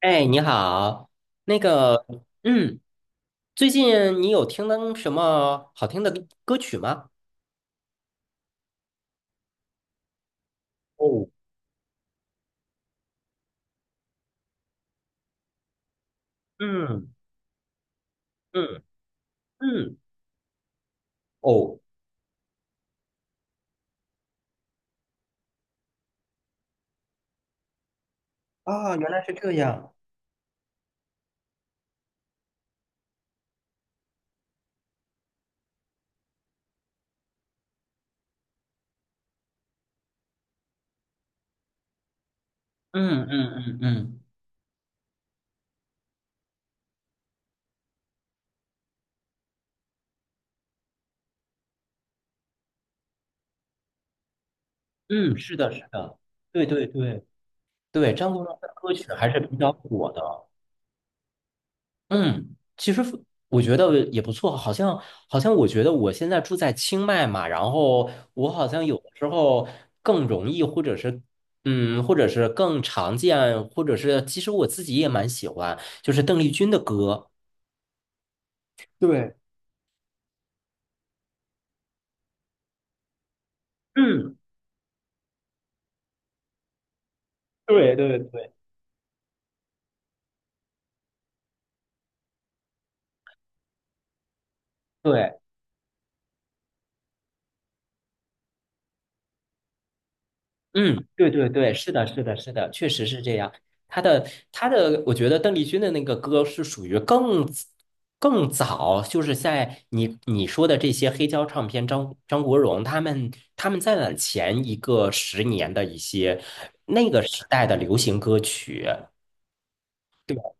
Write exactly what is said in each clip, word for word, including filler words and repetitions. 哎，你好，那个，嗯，最近你有听到什么好听的歌歌曲吗？哦，嗯嗯嗯，哦，啊，原来是这样。嗯嗯嗯嗯嗯，是的，是的，对对对对，张国荣的歌曲还是比较火的。嗯，其实我觉得也不错，好像好像我觉得我现在住在清迈嘛，然后我好像有的时候更容易，或者是嗯，或者是更常见，或者是其实我自己也蛮喜欢，就是邓丽君的歌。对，嗯，对对对，对。嗯，对对对，是的，是的，是的，确实是这样。他的他的，我觉得邓丽君的那个歌是属于更更早，就是在你你说的这些黑胶唱片，张张国荣他们他们在往前一个十年的一些那个时代的流行歌曲。对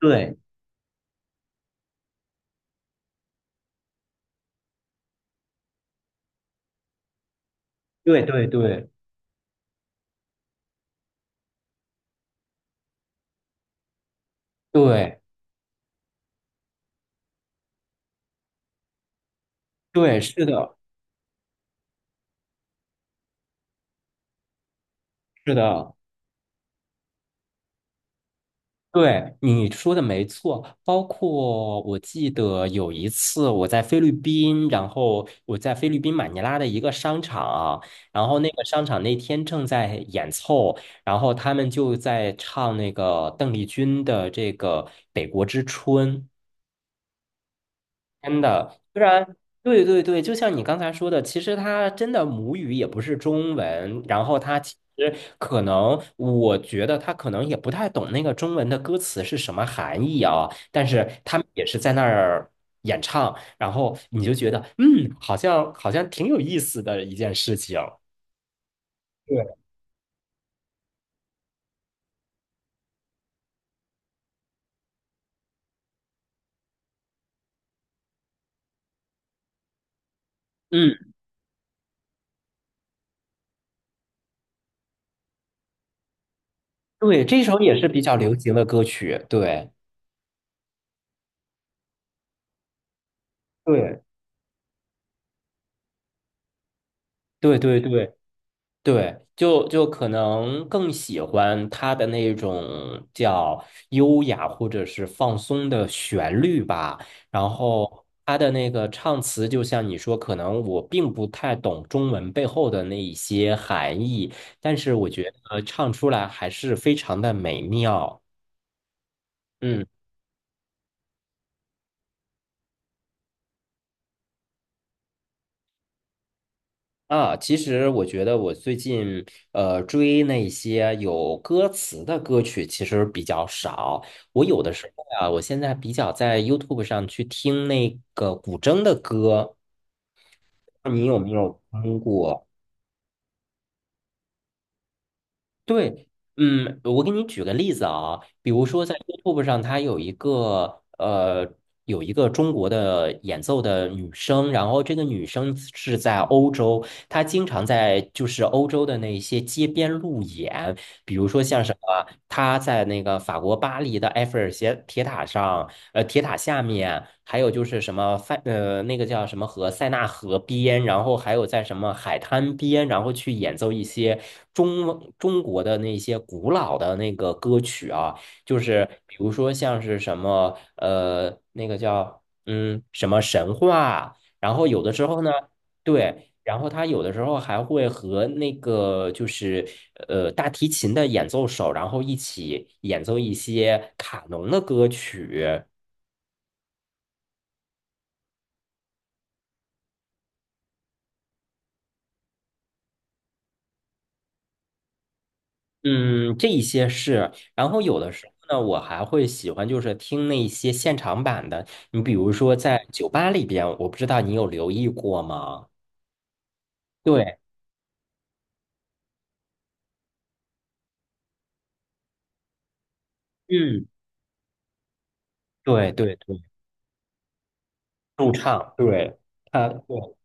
对对对对对对，是的，是的。对，你说的没错，包括我记得有一次我在菲律宾，然后我在菲律宾马尼拉的一个商场，然后那个商场那天正在演奏，然后他们就在唱那个邓丽君的这个《北国之春》。真的，虽然。对对对，就像你刚才说的，其实他真的母语也不是中文，然后他其实可能，我觉得他可能也不太懂那个中文的歌词是什么含义啊，但是他们也是在那儿演唱，然后你就觉得，嗯，好像好像挺有意思的一件事情。对，嗯，对，这首也是比较流行的歌曲，对，对，对对对，对，就就可能更喜欢他的那种叫优雅或者是放松的旋律吧。然后他的那个唱词，就像你说，可能我并不太懂中文背后的那一些含义，但是我觉得唱出来还是非常的美妙。嗯。啊，其实我觉得我最近呃追那些有歌词的歌曲其实比较少。我有的时候啊，我现在比较在 YouTube 上去听那个古筝的歌，你有没有听过？对，嗯，我给你举个例子啊，比如说在 YouTube 上，它有一个呃有一个中国的演奏的女生，然后这个女生是在欧洲，她经常在就是欧洲的那些街边路演。比如说像什么，他在那个法国巴黎的埃菲尔斜铁塔上，呃，铁塔下面，还有就是什么塞，呃，那个叫什么河，塞纳河边，然后还有在什么海滩边，然后去演奏一些中中国的那些古老的那个歌曲啊，就是比如说像是什么，呃，那个叫嗯什么神话啊，然后有的时候呢。对，然后他有的时候还会和那个就是呃大提琴的演奏手，然后一起演奏一些卡农的歌曲，嗯，这一些是。然后有的时候呢，我还会喜欢就是听那些现场版的，你比如说在酒吧里边，我不知道你有留意过吗？对，嗯，对对对，驻唱，对，他对。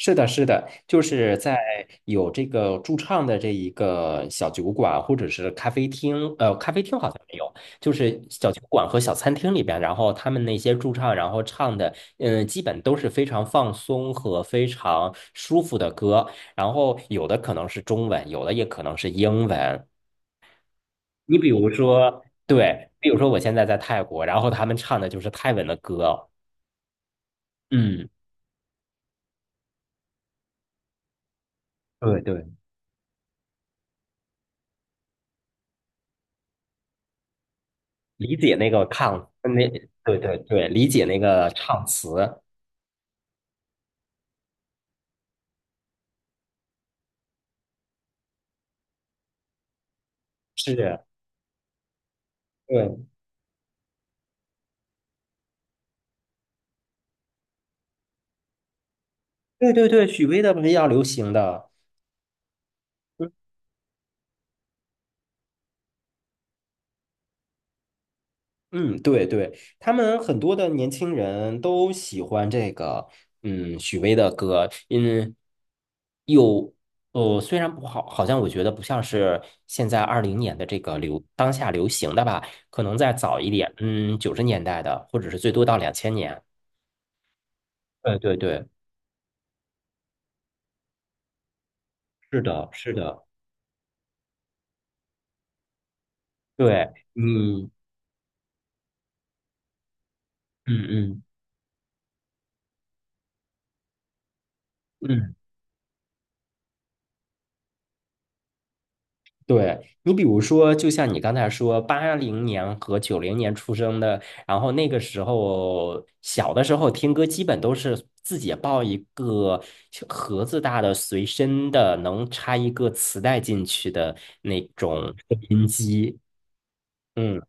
是的，是的，就是在有这个驻唱的这一个小酒馆或者是咖啡厅，呃，咖啡厅好像没有，就是小酒馆和小餐厅里边，然后他们那些驻唱，然后唱的，嗯、基本都是非常放松和非常舒服的歌，然后有的可能是中文，有的也可能是英文。你比如说，对，比如说我现在在泰国，然后他们唱的就是泰文的歌，嗯，对对。理解那个抗，那，对对对，理解那个唱词是。对对对对，许巍的比较流行的，嗯嗯，对对，他们很多的年轻人都喜欢这个，嗯，许巍的歌，嗯，有，呃，虽然不好，好像我觉得不像是现在二零年的这个流当下流行的吧，可能再早一点，嗯，九十年代的，或者是最多到两千年，对对对，是的，是的。对，嗯，嗯嗯嗯，对，你比如说，就像你刚才说，八零年和九零年出生的，然后那个时候小的时候听歌，基本都是自己抱一个小盒子大的随身的，能插一个磁带进去的那种收音机。嗯，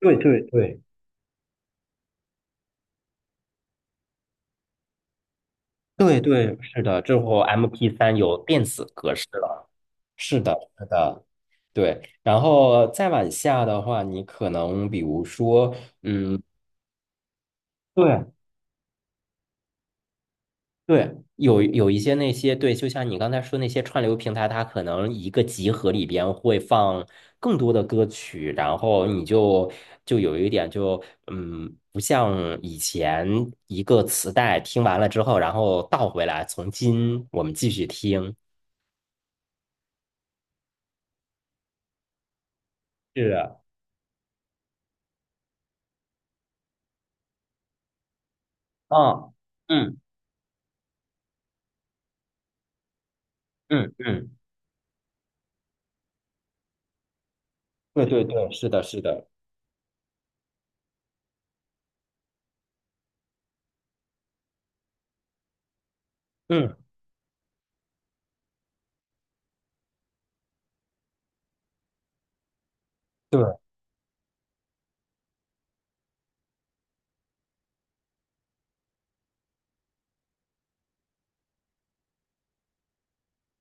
对对对对对，是的，之后 m p 三有电子格式了。是的，是的。对，然后再往下的话，你可能比如说，嗯，对对，有有一些那些对，就像你刚才说那些串流平台，它可能一个集合里边会放更多的歌曲，然后你就就有一点就嗯，不像以前一个磁带听完了之后，然后倒回来，从新我们继续听。是啊，嗯嗯嗯嗯，对对对，是的，是的，嗯，对，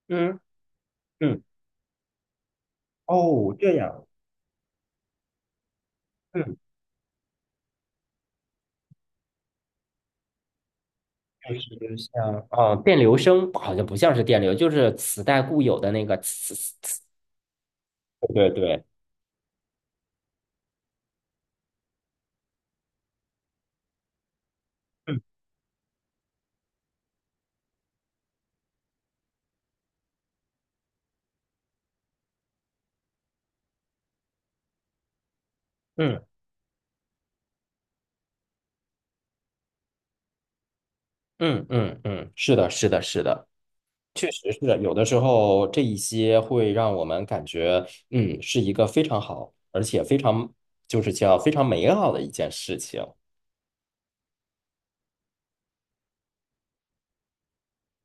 嗯嗯，哦，这样。嗯。就是像啊，电流声好像不像是电流，就是磁带固有的那个磁磁磁。对对对，嗯嗯嗯嗯嗯，是的，是的，是的，确实是的。有的时候这一些会让我们感觉，嗯，是一个非常好，而且非常就是叫非常美好的一件事情。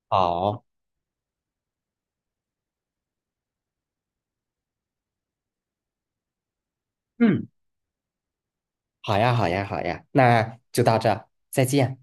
好，嗯，好呀，好呀，好呀，那就到这儿，再见。